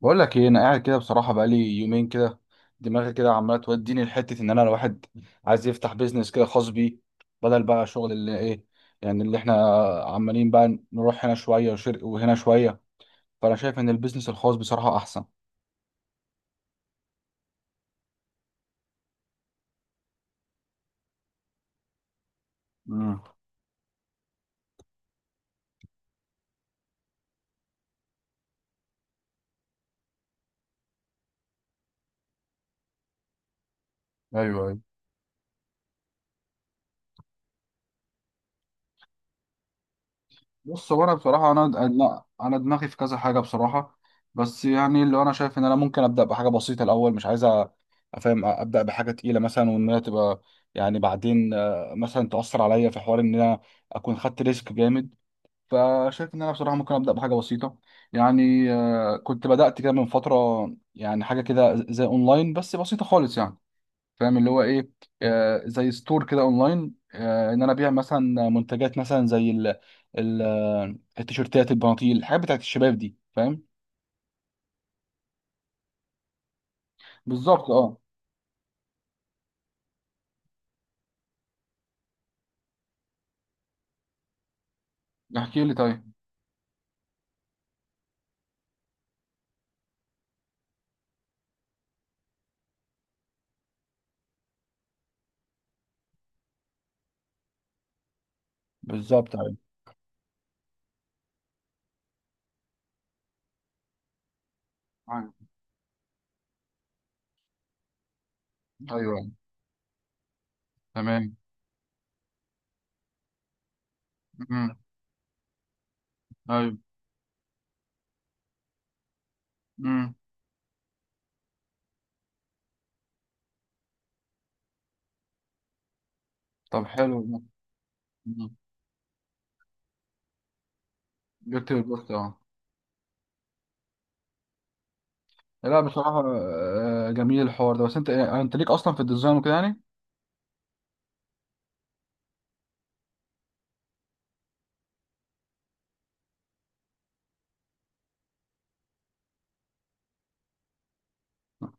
بقول لك ايه، انا قاعد كده بصراحه بقالي يومين كده. دماغي كده عماله توديني لحته ان انا الواحد عايز يفتح بيزنس كده خاص بيه، بدل بقى شغل اللي ايه يعني اللي احنا عمالين بقى نروح هنا شويه وشرق وهنا شويه. فانا شايف ان البيزنس الخاص بصراحه احسن. امم. ايوه، ايوه. بص، هو انا بصراحه انا لا انا دماغي في كذا حاجه بصراحه. بس يعني اللي انا شايف ان انا ممكن ابدا بحاجه بسيطه الاول، مش عايز افهم، ابدا بحاجه تقيله مثلا وان هي تبقى يعني بعدين مثلا تاثر عليا في حوار ان انا اكون خدت ريسك جامد. فشايف ان انا بصراحه ممكن ابدا بحاجه بسيطه. يعني كنت بدات كده من فتره، يعني حاجه كده زي اونلاين بس بسيطه خالص يعني، فاهم اللي هو ايه. آه، زي ستور كده اونلاين، آه، ان انا ابيع مثلا منتجات مثلا زي ال التيشيرتات، البناطيل، الحاجات بتاعت الشباب دي، فاهم. بالظبط، اه. احكي لي طيب. بالظبط. ايوه، ايوه. أيوة، تمام. امم. ايوه. امم. طب حلو. أمم. جبت البوست، اه. لا بصراحة جميل الحوار ده، بس انت انت ليك اصلا في الديزاين وكده يعني؟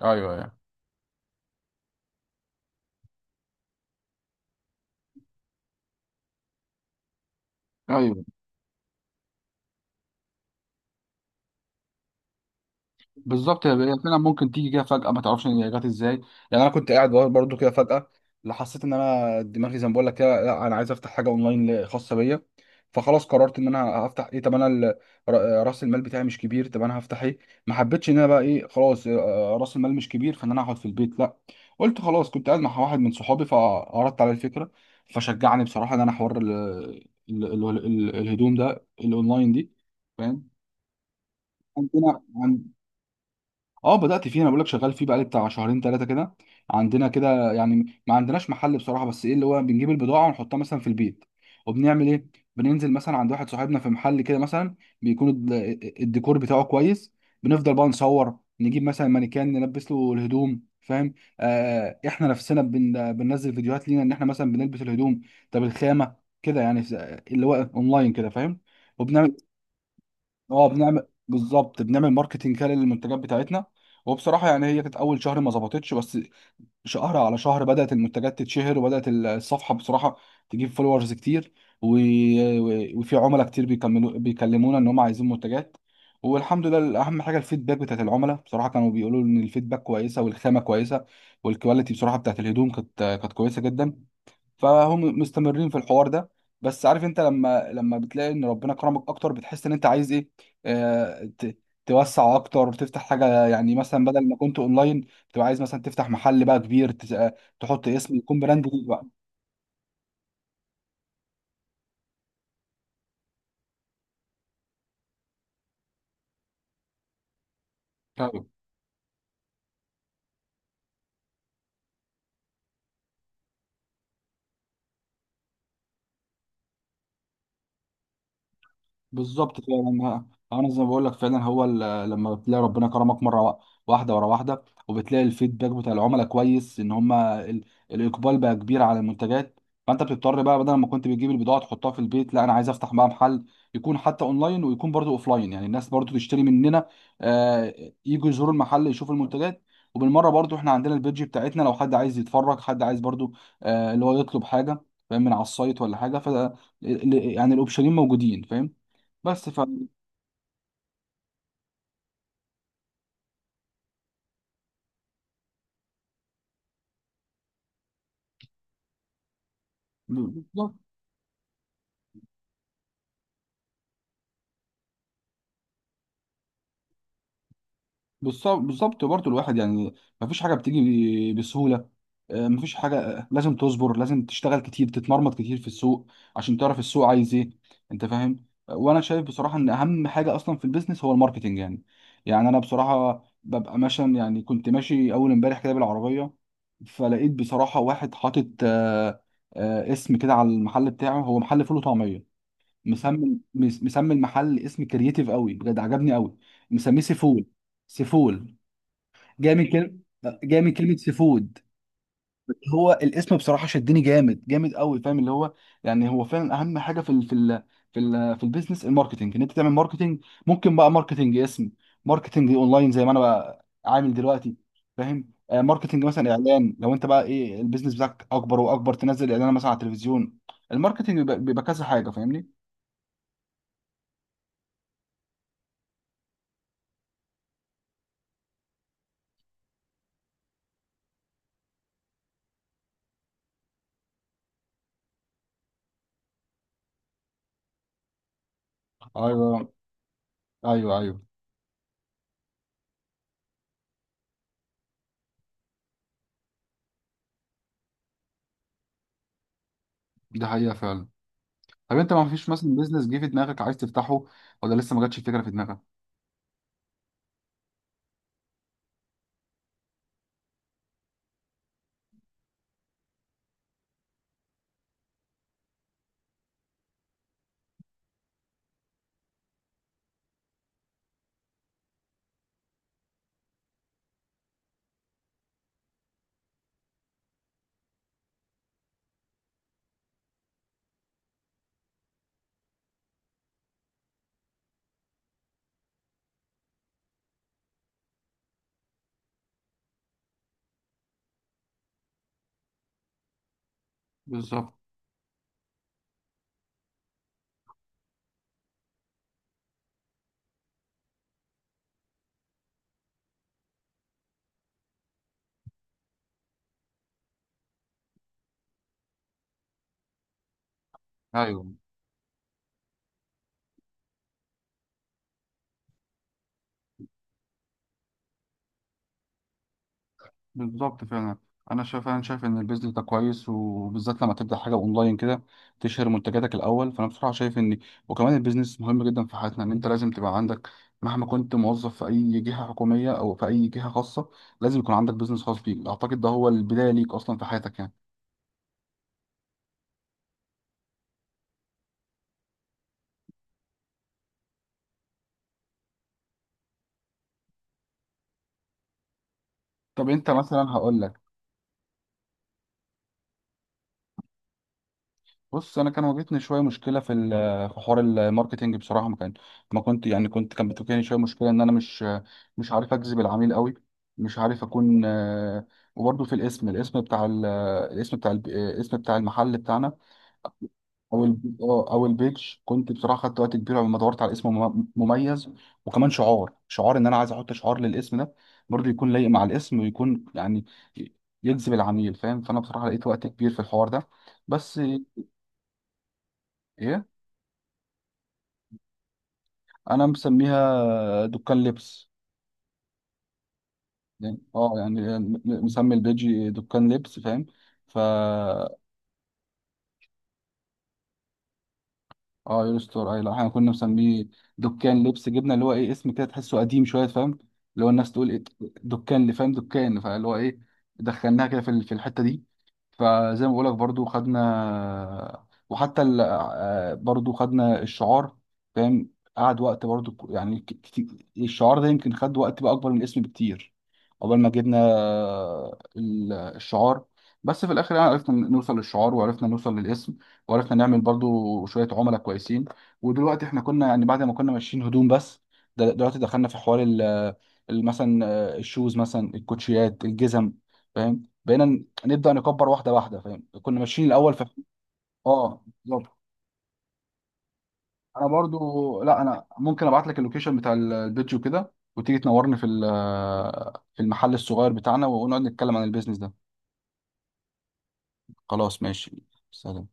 ايوه، ايوه. ايوه. بالظبط، هي فعلا ممكن تيجي كده فجأة، ما تعرفش هي جت ازاي. يعني انا كنت قاعد برضو كده فجأة، لا حسيت ان انا دماغي زي ما بقول لك كده، لا انا عايز افتح حاجة اونلاين خاصة بيا. فخلاص قررت ان انا هفتح ايه. طب انا راس المال بتاعي مش كبير، طب انا هفتح ايه؟ ما حبيتش ان انا بقى ايه خلاص، راس المال مش كبير فان انا اقعد في البيت، لا. قلت خلاص، كنت قاعد مع واحد من صحابي فعرضت عليه الفكرة فشجعني بصراحة ان انا حوار الهدوم ده الاونلاين دي، فاهم. عندنا، اه بدأت فيه. انا بقول لك شغال فيه بقالي بتاع شهرين ثلاثة كده. عندنا كده يعني ما عندناش محل بصراحة، بس ايه اللي هو بنجيب البضاعة ونحطها مثلا في البيت. وبنعمل ايه، بننزل مثلا عند واحد صاحبنا في محل كده مثلا، بيكون الديكور بتاعه كويس. بنفضل بقى نصور، نجيب مثلا مانيكان نلبس له الهدوم، فاهم. آه، احنا نفسنا بننزل فيديوهات لينا ان احنا مثلا بنلبس الهدوم. طب الخامة، كده يعني اللي هو اونلاين كده، فاهم. اه، بنعمل بالظبط، بنعمل ماركتنج كده للمنتجات بتاعتنا. وبصراحه يعني هي كانت اول شهر ما ظبطتش، بس شهر على شهر بدات المنتجات تتشهر، وبدات الصفحه بصراحه تجيب فولورز كتير. و... وفي عملاء كتير بيكملوا بيكلمونا ان هم عايزين منتجات، والحمد لله. اهم حاجه الفيدباك بتاعت العملاء بصراحه كانوا بيقولوا ان الفيدباك كويسه والخامه كويسه، والكواليتي بصراحه بتاعت الهدوم كانت كويسه جدا. فهم مستمرين في الحوار ده. بس عارف انت لما بتلاقي ان ربنا كرمك اكتر، بتحس ان انت عايز ايه. آه، توسع اكتر، تفتح حاجه يعني مثلا بدل ما كنت اونلاين بتبقى عايز مثلا تفتح محل بقى كبير، تحط اسم يكون براند ليك بقى. بالظبط، فعلا. انا زي ما بقول لك فعلا هو لما بتلاقي ربنا كرمك مره واحده ورا واحده، وبتلاقي الفيدباك بتاع العملاء كويس ان هم الاقبال بقى كبير على المنتجات، فانت بتضطر بقى بدل ما كنت بتجيب البضاعه تحطها في البيت، لا انا عايز افتح بقى محل يكون حتى اونلاين ويكون برضو اوفلاين، يعني الناس برضو تشتري مننا، آه، يجوا يزوروا المحل يشوفوا المنتجات. وبالمره برضو احنا عندنا البيدج بتاعتنا، لو حد عايز يتفرج، حد عايز برضو اللي هو يطلب حاجه، فاهم، من على السايت ولا حاجه، ف يعني الاوبشنين موجودين، فاهم. بس ف، بالظبط. بالظبط برضه الواحد يعني مفيش حاجه بتيجي بسهوله، مفيش حاجه، لازم تصبر، لازم تشتغل كتير، تتمرمط كتير في السوق عشان تعرف السوق عايز ايه، انت فاهم. وانا شايف بصراحه ان اهم حاجه اصلا في البيزنس هو الماركتنج يعني. يعني انا بصراحه ببقى ماشي، يعني كنت ماشي اول امبارح كده بالعربيه، فلقيت بصراحه واحد حاطط اسم كده على المحل بتاعه، هو محل فول وطعميه. مسمي مسمي المحل اسم كرييتيف قوي بجد، عجبني قوي. مسميه سيفول. سيفول جاي من كلمه، جاي من كلمه سيفود. هو الاسم بصراحه شدني جامد جامد قوي، فاهم اللي هو. يعني هو فعلا اهم حاجه في البيزنس الماركتنج، ان انت تعمل ماركتنج. ممكن بقى ماركتنج اسم، ماركتنج اونلاين زي ما انا بقى عامل دلوقتي، فاهم. ماركتنج مثلا اعلان، لو انت بقى ايه البيزنس بتاعك اكبر واكبر، تنزل اعلان مثلا على التلفزيون. الماركتنج بيبقى كذا حاجه، فاهمني. ايوه، ايوه، ايوه. دي حقيقة فعلا. طب انت ما فيش مثلا بيزنس جه في دماغك عايز تفتحه ولا لسه ما جاتش الفكرة في دماغك؟ بالظبط، ايوه. بالظبط فعلا. انا شايف ان البيزنس ده كويس، وبالذات لما تبدا حاجه اونلاين كده تشهر منتجاتك الاول. فانا بصراحه شايف ان، وكمان البيزنس مهم جدا في حياتنا، ان انت لازم تبقى عندك مهما كنت موظف في اي جهه حكوميه او في اي جهه خاصه، لازم يكون عندك بيزنس خاص بيك. اعتقد ده هو البدايه ليك اصلا في حياتك يعني. طب انت مثلا هقول لك. بص انا كان واجهتني شويه مشكله في في حوار الماركتينج بصراحه، ما كان ما كنت يعني كنت كان بتواجهني شويه مشكله ان انا مش مش عارف اجذب العميل قوي، مش عارف اكون، آه، وبرضه في الاسم، الاسم بتاع الاسم بتاع الاسم بتاع المحل بتاعنا، او او البيج، كنت بصراحه خدت وقت كبير لما دورت على اسم مميز. وكمان شعار، شعار ان انا عايز احط شعار للاسم ده برضه يكون لايق مع الاسم ويكون يعني يجذب العميل، فاهم. فانا بصراحه لقيت وقت كبير في الحوار ده. بس ايه، انا مسميها دكان لبس. يعني اه، يعني مسمي البيج دكان لبس، فاهم. ف اه، يور ستور، اي لا احنا كنا مسميه دكان لبس. جبنا اللي هو ايه اسم كده تحسه قديم شويه، فاهم اللي هو الناس تقول ايه، دكان اللي فاهم، دكان، فاللي هو ايه دخلناها كده في في الحته دي. فزي ما بقولك برضو خدنا، وحتى ال... آه، برضو خدنا الشعار، فاهم. قعد وقت برضو كتير، الشعار ده يمكن خد وقت بقى اكبر من الاسم بكتير، عقبال ما جبنا الشعار. بس في الاخر يعني عرفنا نوصل للشعار، وعرفنا نوصل للاسم، وعرفنا نعمل برضو شوية عملاء كويسين. ودلوقتي احنا كنا يعني بعد ما كنا ماشيين هدوم بس، دلوقتي دخلنا في حوار مثلا الشوز مثلا، الكوتشيات، الجزم، فاهم. بقينا نبدأ نكبر واحدة واحدة، فاهم كنا ماشيين الأول في. اه، بالظبط. انا برضو، لا انا ممكن ابعت لك اللوكيشن بتاع البيج وكده، وتيجي تنورني في في المحل الصغير بتاعنا، ونقعد نتكلم عن البيزنس ده. خلاص ماشي. سلام.